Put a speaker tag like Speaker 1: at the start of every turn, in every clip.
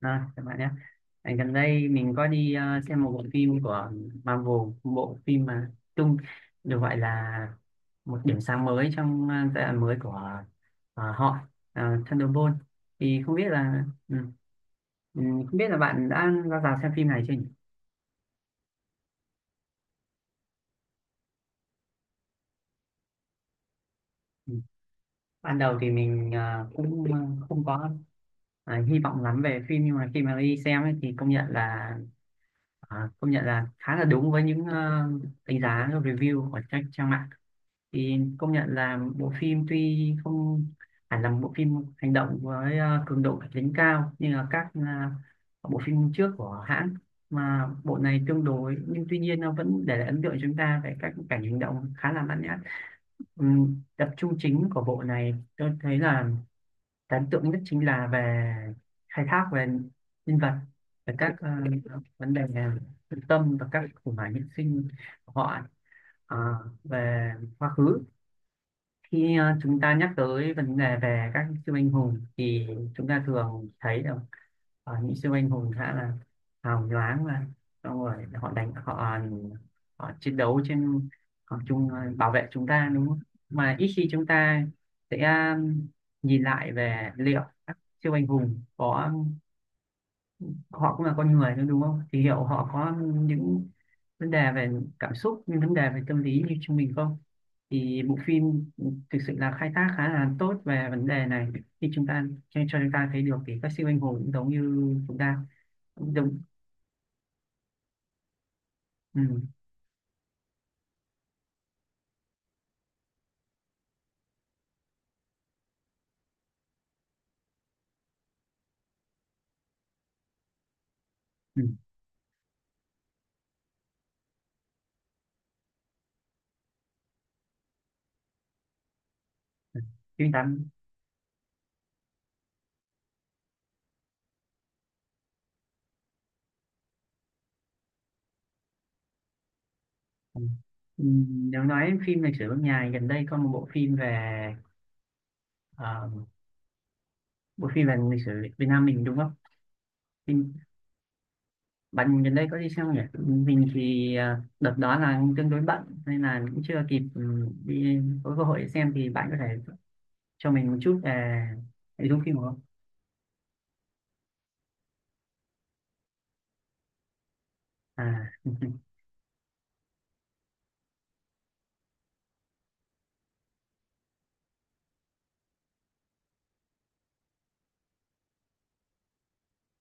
Speaker 1: Các bạn nhé. Gần đây mình có đi xem một bộ phim của Marvel, một bộ phim mà tung được gọi là một điểm sáng mới trong giai đoạn mới của ờ, họ Thunderbolt. Thì không biết là ừ, không biết là bạn đã ra rạp xem phim này chưa nhỉ? Ừ. Ban đầu thì mình cũng không có hy vọng lắm về phim, nhưng mà khi mà đi xem ấy, thì công nhận là, công nhận là khá là đúng với những đánh giá review của các trang mạng. Thì công nhận là bộ phim tuy không hẳn là một bộ phim hành động với cường độ kịch tính cao như là các bộ phim trước của hãng, mà bộ này tương đối, nhưng tuy nhiên nó vẫn để lại ấn tượng cho chúng ta về các cảnh hành động khá là mãn nhãn. Tập trung chính của bộ này tôi thấy là ấn tượng nhất chính là về khai thác về nhân vật, về các vấn đề thực tâm và các khủng hoảng nhân sinh của họ. Ờ, về quá khứ, khi chúng ta nhắc tới vấn đề về các siêu anh hùng thì chúng ta thường thấy được những siêu anh hùng khá là hào nhoáng và xong rồi họ đánh họ, họ chiến đấu trên, họ chung bảo vệ chúng ta đúng không, mà ít khi chúng ta sẽ nhìn lại về liệu các siêu anh hùng có, họ cũng là con người thôi đúng không, thì liệu họ có những vấn đề về cảm xúc, những vấn đề về tâm lý như chúng mình không. Thì bộ phim thực sự là khai thác khá là tốt về vấn đề này, khi chúng ta cho chúng ta thấy được thì các siêu anh hùng cũng giống như chúng ta, cũng giống ừ, ừ, phim tám ừ. Ừ, nếu nói phim lịch sử nước nhà gần đây có một bộ phim về, ờ, bộ phim về lịch sử Việt Nam mình đúng không, phim. Bạn gần đây có đi xem không nhỉ? Mình thì đợt đó là tương đối bận nên là cũng chưa kịp, đi có cơ hội để xem. Thì bạn có thể cho mình một chút về nội dung phim được không? À,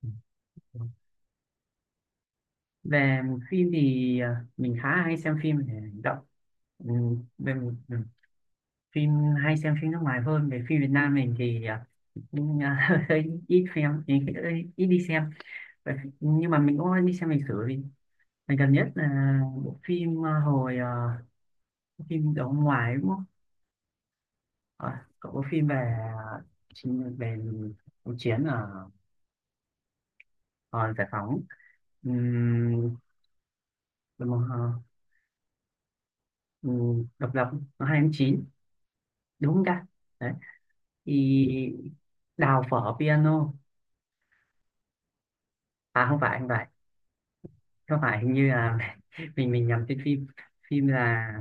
Speaker 1: về phim thì mình khá hay xem phim để hành động. Ừ, về phim, hay xem phim nước ngoài hơn, về phim Việt Nam mình thì hơi ít xem, ít đi xem. Vậy- nhưng mà mình cũng đi xem lịch sử, vì mình gần nhất là bộ phim phim đó ngoài đúng không, cậu có phim về, phim về cuộc chiến ở giải phóng, ừm, đúng không? Ờ, Độc lập, nó hai tháng chín đúng không ta, đấy, thì đào phở piano. À không phải, không phải, không phải, hình như là mình nhầm tên phim, phim là,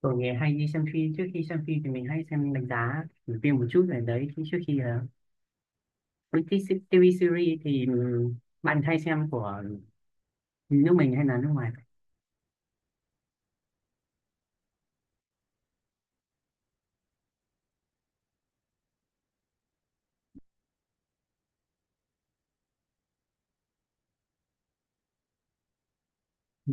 Speaker 1: tôi nghe hay đi xem phim. Trước khi xem phim thì mình hay xem đánh giá review phim một chút về đấy khi- trước khi là British TV series thì bạn hay xem của nước mình hay là nước ngoài? Ừ,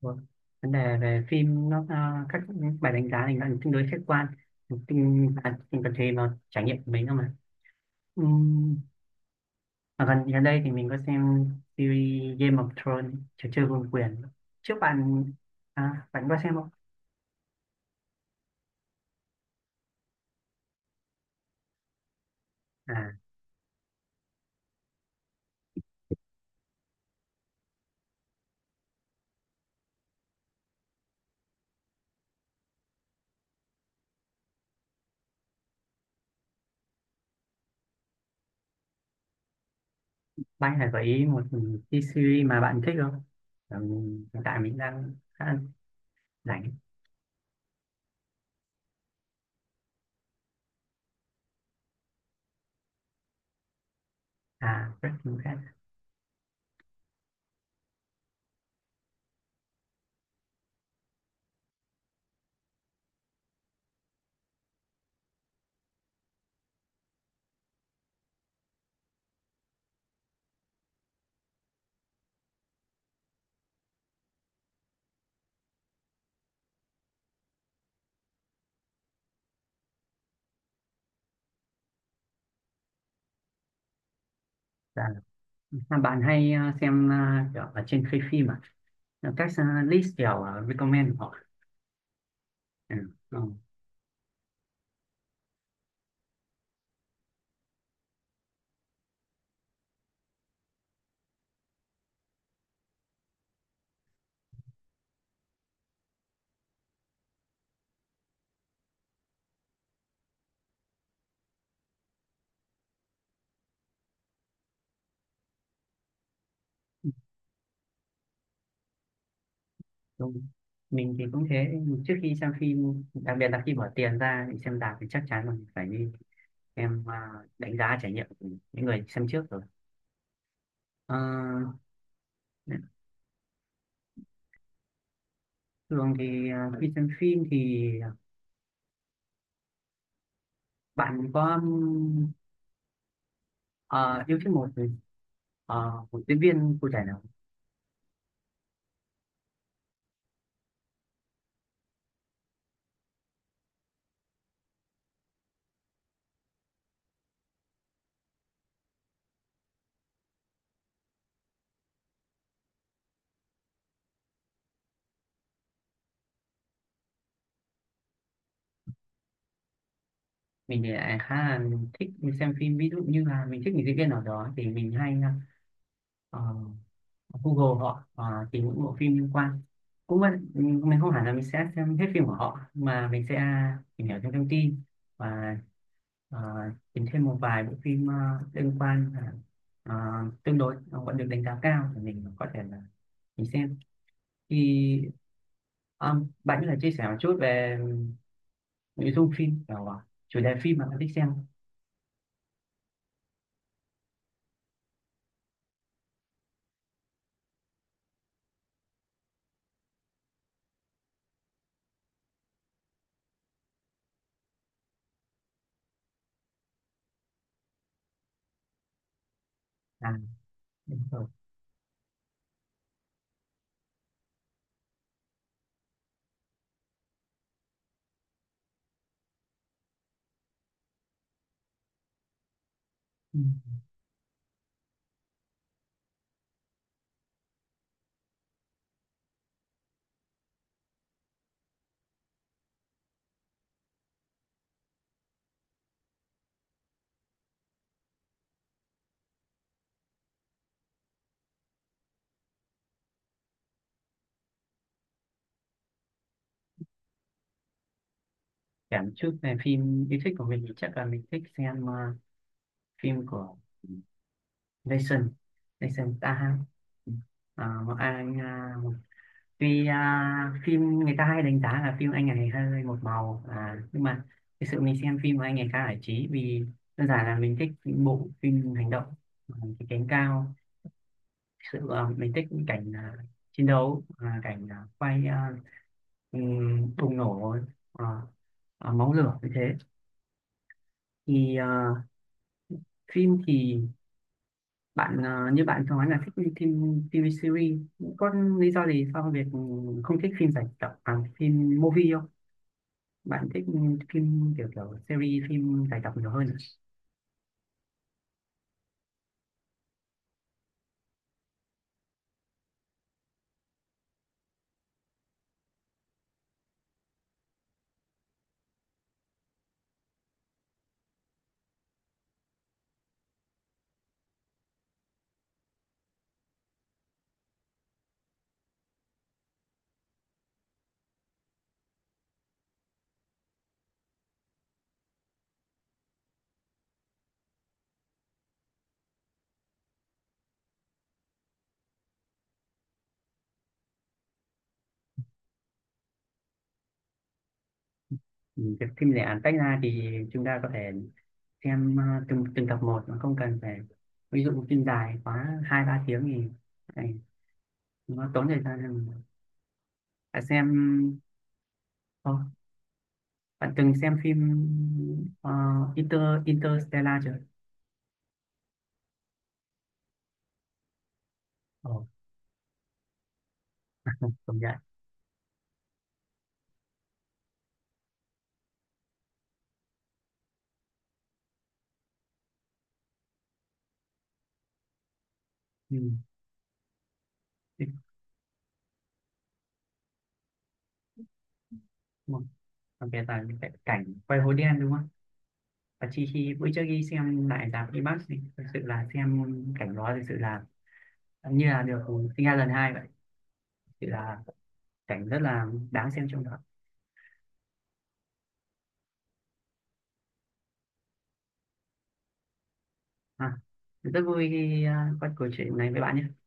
Speaker 1: vâng. Vấn đề về phim nó, các bài đánh giá này nó tương đối khách quan, tình tình tập thể vào trải nghiệm của mình không mà. Ừm, mà gần gần đây thì mình có xem series Game of Thrones, trò chơi vương quyền, trước bạn bạn có xem không? à Bạn là gợi ý một cái series mà bạn thích không? Ừ, hiện tại mình đang khá rảnh. À, Breaking Bad. Dạ. Mà bạn hay xem kiểu ở trên khay phim các list kiểu recommend của họ? Ừ. Ừ. Đúng. Mình thì cũng thế, trước khi xem phim, đặc biệt là khi bỏ tiền ra để xem rạp thì chắc chắn là mình phải đi em đánh giá trải nghiệm của những người xem trước rồi. Ờ, thường thì khi xem phim thì bạn có ờ, yêu thích một một diễn viên cụ thể nào không? Mình thì lại khá là thích xem phim, ví dụ như là mình thích một diễn viên nào đó thì mình hay ờ, Google họ, tìm những bộ phim liên quan. Cũng vậy, ừ, mình không hẳn là mình sẽ xem hết phim của họ, mà mình sẽ tìm hiểu thêm thông tin, và ờ, tìm thêm một vài bộ phim liên quan, ờ, ờ, tương đối vẫn được đánh giá cao thì mình có thể là mình xem. Thì bạn có thể chia sẻ một chút về nội dung phim, kiểu chủ đề phim mà bạn thích xem không? À đúng rồi. Ừ. Kể một chút về phim yêu thích của mình thì chắc là mình thích xem phim của Jason Jason Statham. Ờ, một anh một, tuy phim người ta hay đánh giá là phim anh ấy hơi một màu, nhưng mà thực sự mình xem phim của anh ấy khá giải trí vì đơn giản là mình thích những bộ phim hành động, à, cái cánh cao. Thực sự mình thích những cảnh chiến đấu, cảnh bùng nổ, à, máu lửa như thế. Thì phim thì bạn như bạn nói là thích phim TV series, có lý do gì sao việc không thích phim giải tập, phim movie không? Bạn thích phim kiểu, kiểu series, phim giải tập nhiều hơn à? Ừ, việc phim lẻ tách ra thì chúng ta có thể xem từng từng tập một mà không cần phải, ví dụ phim dài quá hai ba tiếng thì này, nó tốn thời gian hơn. Bạn xem, Ồ, bạn từng xem phim ờ, Inter Interstellar chưa? Ồ, công nhận. Ừ. Đúng không? Còn bây giờ những cái cảnh quay hố đen đúng không? Và chi khi bữa trước đi xem lại rạp IMAX thì thực sự là xem cảnh đó thực sự là như là được sinh ra lần hai vậy. Thực sự là cảnh rất là đáng xem trong đó. À, rất vui khi có cuộc chuyện này với bạn nhé.